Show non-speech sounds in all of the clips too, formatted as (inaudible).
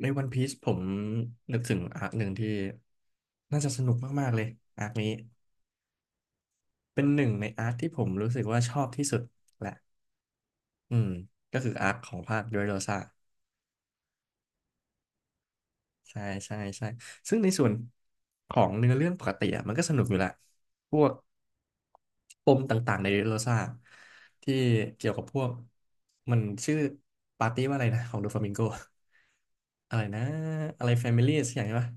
ในวันพีซผมนึกถึงอาร์คหนึ่งที่น่าจะสนุกมากๆเลยอาร์คนี้เป็นหนึ่งในอาร์คที่ผมรู้สึกว่าชอบที่สุดอืมก็คืออาร์คของภาคด u โรซาใช่ใช่ใช่ซึ่งในส่วนของเนื้อเรื่องปกติอะมันก็สนุกอยู่แหละพวกปมต่างๆในโรซ่าที่เกี่ยวกับพวกมันชื่อปาร์ตี้ว่าอะไรนะของโดฟามิงโก (laughs) อะไรนะอะไรแฟมิลี่สักอย่างใช่ปะ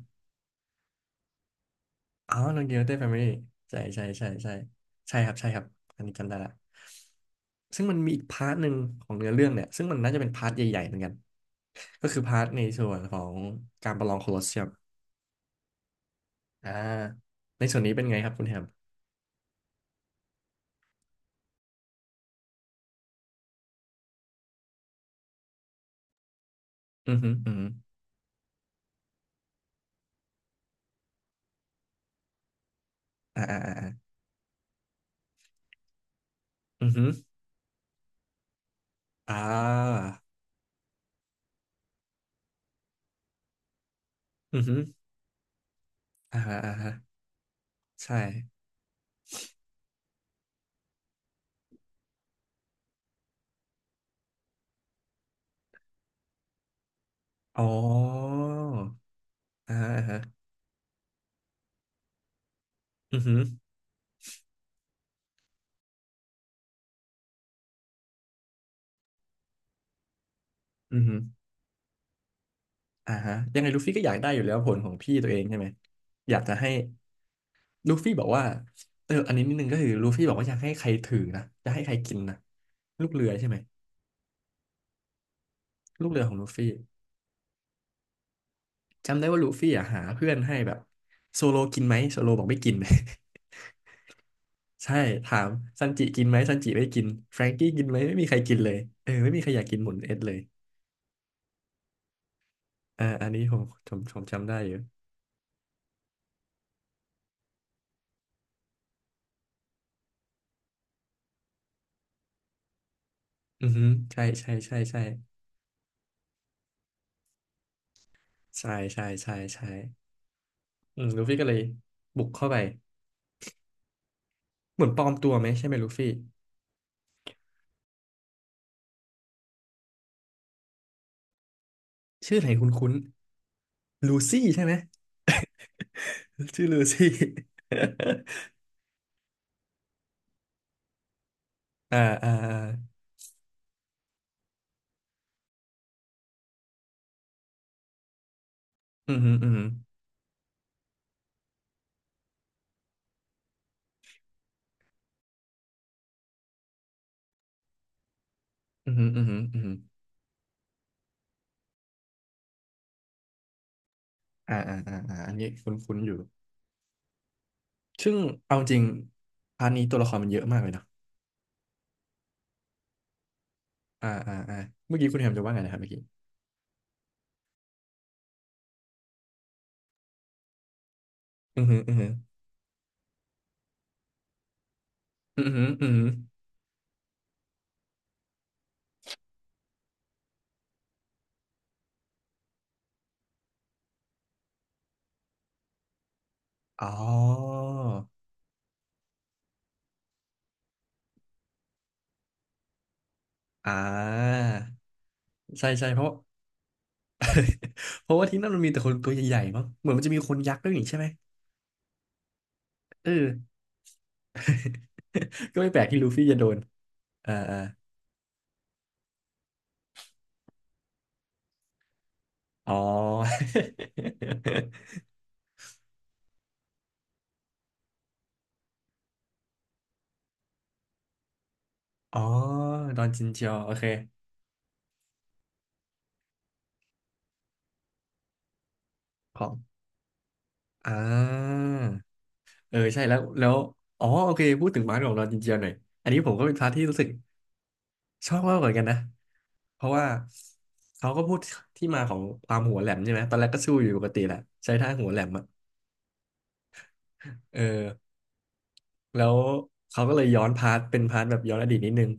อ๋อโนเกียวเต้แฟมิลี่ใช่ใช่ใช่ใช่ใช่ครับใช่ครับอันนี้จำได้ละซึ่งมันมีอีกพาร์ทหนึ่งของเนื้อเรื่องเนี่ยซึ่งมันน่าจะเป็นพาร์ทใหญ่ๆเหมือนกันก็คือพาร์ทในส่วนของการประลองโคลอสเซียมอ่าในส่วนนี้เป็นไงครับคุณแฮมอือหึอือฮึอ่าอ่าอ่าอาอือฮึอ่าอือฮึอ่าฮะอ่าฮะใช่อ๋ออ่าฮะอ่าฮะอือฮึอือฮึออ่าฮะยังไงลูฟี่ก็อยากได้อยู่แล้วผลของพี่ตัวเองใช่ไหมอยากจะให้ ลูฟี่บอกว่าเอออันนี้นิดนึงก็คือลูฟี่บอกว่าอยากให้ใครถือนะจะให้ใครกินนะลูกเรือใช่ไหมลูกเรือของลูฟี่จำได้ว่าลูฟี่อ่ะหาเพื่อนให้แบบโซโลกินไหมโซโลบอกไม่กิน (laughs) ใช่ถามซันจิกินไหมซันจิไม่กินแฟรงกี้กินไหมไม่มีใครกินเลยเออไม่มีใครอยากกินหมุนเอ็ดเลยอ่าอันนี้ผมจำได้อยู่อือฮึใช่ใช่ใช่ใช่ใช่ใช่ใช่ใช่อืมลูฟี่ก็เลยบุกเข้าไปเหมือนปลอมตัวไหมใช่ไหมลูฟี่ชื่อไหนคุ้นๆลูซี่ใช่ไหม (laughs) ชื่อลูซี่ (laughs) อ่าอ่าอ่าอืมฮึอืมฮึอืมฮึอืมฮึอืมฮึอ่าอ่าอ่าอ่าอันนี้คุ้นๆอยู่ซึ่งเอาจริงพาร์ทนี้ตัวละครมันเยอะมากเลยเนาะอ่าอ่าอ่าเมื่อกี้คุณแฮมจะว่าไงนะครับเมื่อกี้อืมฮึอืมฮึอืมฮึอืมฮึอ๋ออ่าใช่ใช่เพราะเพราะว่าที่นั่นมันมีแต่คนตัวใหญ่ๆมั้งเหมือนมันจะมีคนยักษ์ด้วยนี่ใช่ไหมเออ (laughs) ก็ไม่แปลกที่ลูฟี่จะโดนอ่าอ่าอ๋อ (laughs) อ๋อดอนจินเจียวโอเคของอ่าเออใช่แล้วแล้วอ๋อโอเคพูดถึงมาร์ทของดอนจินเจียวหน่อยอันนี้ผมก็เป็นพาร์ทที่รู้สึกชอบมากเหมือนกันนะเพราะว่าเขาก็พูดที่มาของความหัวแหลมใช่ไหมตอนแรกก็สู้อยู่ปกติแหละใช้ท่าหัวแหลมอะเออแล้วเขาก็เลยย้อนพาร์ทเป็นพาร์ทแบบย้อนอดีตนิดนึง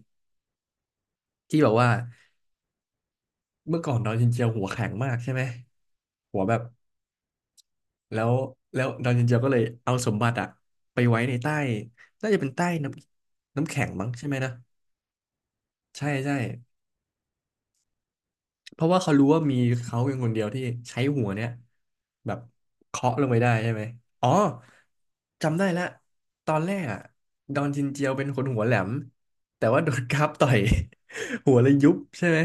ที่แบบว่าเมื่อก่อนดอนจินเจียวหัวแข็งมากใช่ไหมหัวแบบ แล้วแล้วดอนเย็นเจียวก็เลยเอาสมบัติอะไปไว้ในใต้น่าจะเป็นใต้น้ำน้ำแข็งมั้งใช่ไหมนะใช่ใช่เพราะว่าเขารู้ว่ามีเขาเพียงคนเดียวที่ใช้หัวเนี่ยแบบเคาะลงไปได้ใช่ไหมอ๋อจำได้ละตอนแรกอะดอนจินเจียวเป็นคนหัวแหลมแต่ว่าโดนกราฟต่อย (laughs) หัวเลยยุบใช่ไหม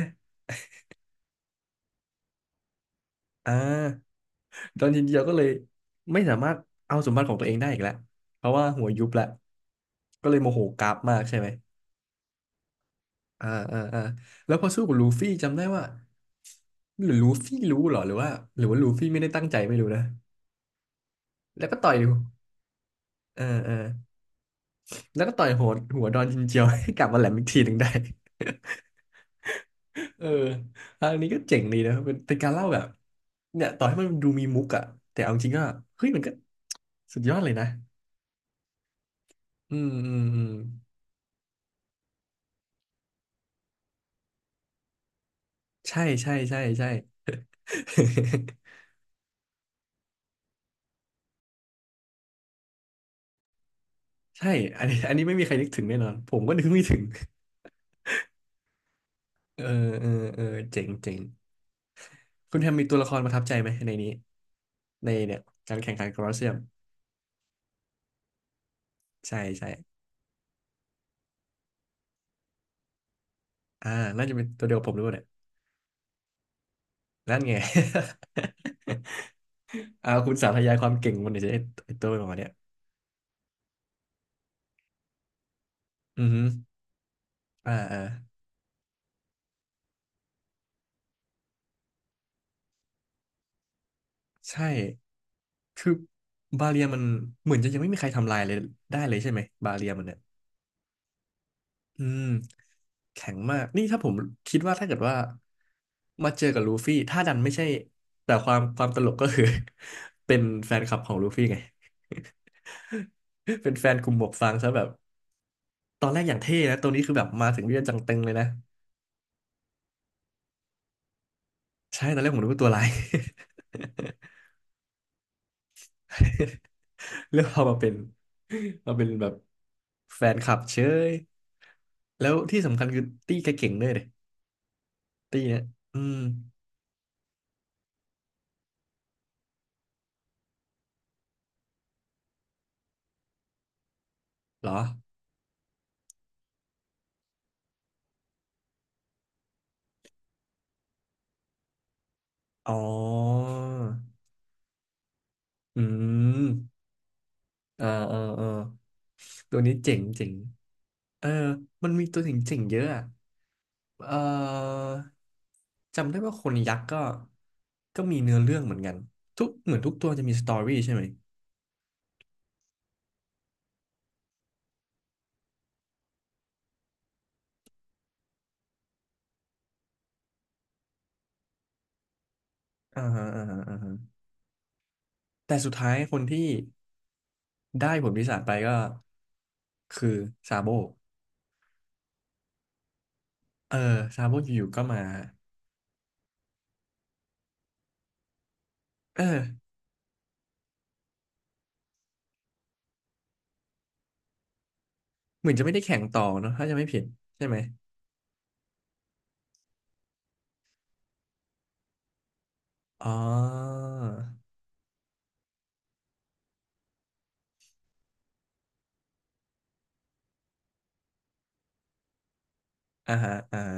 อ่าดอนจินเจียวก็เลยไม่สามารถเอาสมบัติของตัวเองได้อีกแล้วเพราะว่าหัวยุบแล้วก็เลยโมโหกราฟมากใช่ไหม อ่าอ่าอ่าแล้วพอสู้กับลูฟี่จำได้ว่าหรือลูฟี่รู้เหรอหรือว่าหรือว่าลูฟี่ไม่ได้ตั้งใจไม่รู้นะแล้วก็ต่อยเออเออแล้วก็ต่อยหัวดอนจินเจียวให้กลับมาแหลมอีกทีหนึ่งได้ (laughs) เอออันนี้ก็เจ๋งดีนะเป็นการเล่าแบบเนี่ยต่อให้มันดูมีมุกอะแต่เอาจริงก็เฮ้ยมันก็สุดยอดเลยนะอืมอืมอืมใช่ใช่ (laughs) ใช่ใช่ (laughs) ใช่อันนี้ไม่มีใครนึกถึงแน่นอนผมก็นึกไม่ถึงเออเออเออเจ๋งเจ๋งคุณแฮมมีตัวละครประทับใจไหมในนี้ ในเนี่ยการแข่งขันโคลอสเซียมใช่ใช่อ่าน่าจะเป็นตัวเดียวกับผมหรือเล่านี่ยนั่นไง (laughs) อ่าคุณสาธยายความเก่งมันเดี๋ยวจไอ้ตัวหมาเนี่ยอือฮึอ่าอ่าใช่คือบาเรียมันเหมือนจะยังไม่มีใครทำลายเลยได้เลยใช่ไหมบาเรียมันเนี่ยอืมแข็งมากนี่ถ้าผมคิดว่าถ้าเกิดว่ามาเจอกับลูฟี่ถ้าดันไม่ใช่แต่ความตลกก็คือ (laughs) เป็นแฟนคลับของลูฟี่ไง (laughs) เป็นแฟนกลุ่มหมวกฟางซะแบบ ตอนแรกอย่างเท่นะตัวนี้คือแบบมาถึงเรียกจังตึงเลยนะใช่ตอนแรกผมนึกว่าตัวร้าย (laughs) เลือกเอามาเป็นมาเป็นแบบแฟนคลับเชยแล้วที่สำคัญคือตี้แกเก่งด้วยเลยตี้เนี่ยอืมเหรออ๋ออืมอ่าอ่าอ่าตัวนี้เจ๋งเจ๋งเออมันมีตัวเจ๋งเจ๋งเยอะอะเออจำได้ว่าคนยักษ์ก็ก็มีเนื้อเรื่องเหมือนกันทุกเหมือนทุกตัวจะมีสตอรี่ใช่ไหม อ่าฮะอ่าฮะอ่าฮะแต่สุดท้ายคนที่ได้ผลปีศาจไปก็คือซาโบเออซาโบอยู่ๆก็มาเออเหมือนจะไม่ได้แข่งต่อเนอะถ้าจะไม่ผิดใช่ไหมอ๋ออ่าฮะอ่าฮะ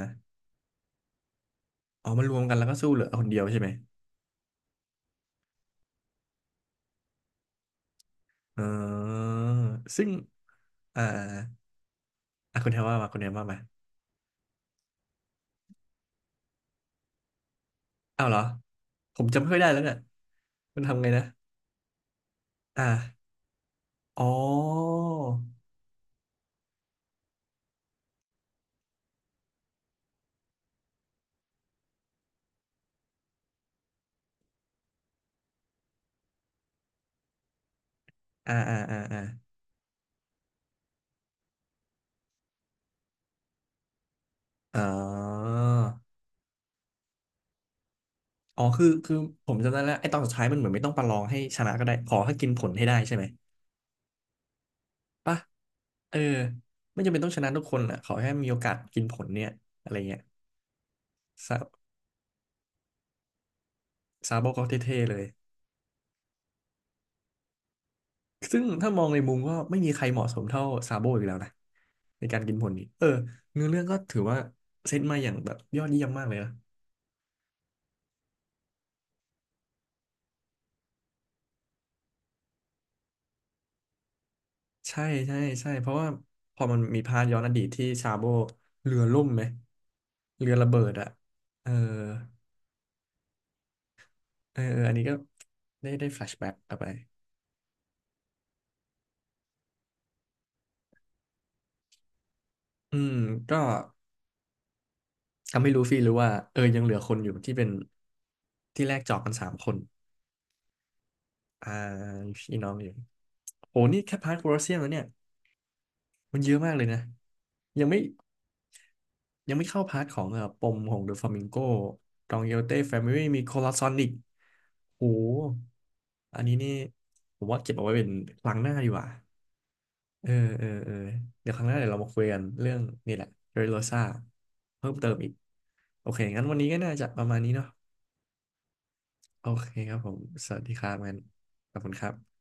อ๋อมารวมกันแล้วก็สู้เหลือคนเดียวใช่ไหมอ๋อซึ่งอ่าอ่ะคุณแทนว่ามาคุณแทนว่ามาอ้าวเหรอผมจำไม่ค่อยได้แล้วเนี่ยมันทำไงนะอ่าอ๋ออ่าอ่าอ่าอ่าอ๋อ อ๋อคือคือผมจำได้แล้วไอ้ตอนสุดท้ายมันเหมือนไม่ต้องประลองให้ชนะก็ได้ขอให้กินผลให้ได้ใช่ไหมปะเออไม่จำเป็นต้องชนะทุกคนแหละขอแค่มีโอกาสกินผลเนี่ยอะไรเงี้ยซาซาโบก็เท่ๆเลยซึ่งถ้ามองในมุมก็ไม่มีใครเหมาะสมเท่าซาโบอีกแล้วนะในการกินผลนี้เออเนื้อเรื่องก็ถือว่าเซตมาอย่างแบบยอดเยี่ยมมากเลยนะใช่ใช่ใช่เพราะว่าพอมันมีพาร์ทย้อนอดีตที่ซาโบเรือล่มไหมเรือระเบิดอะเออ เออออันนี้ก็ได้ได้แฟลชแบ็กกลับไปอืมก็ทำให้ลูฟี่รู้ว่าเออยังเหลือคนอยู่ที่เป็นที่แรกจอกกันสามคน อ่ามีพี่น้องอยู่โหนี่แค่พาร์ทโคลอสเซียมแล้วเนี่ยมันเยอะมากเลยนะ ยังไม่ยังไม่เข้าพาร์ทของปมของเดอะฟลามิงโกดองเยลเต้แฟมิลี่มีโคลอสซอนอีกโหอันนี้นี่ผมว่าเก็บเอาไว้เป็นครั้งหน้าดีกว่าเออเออเออ เดี๋ยวครั้งหน้าเดี๋ยวเรามาคุยกันเรื่องนี่แหละเรโรซ่าเพิ่มเติมอีก โอเค งั้นวันนี้ก็น่าจะประมาณนี้เนาะโอเคครับผม สวัสดีครับงั้นขอบคุณครับ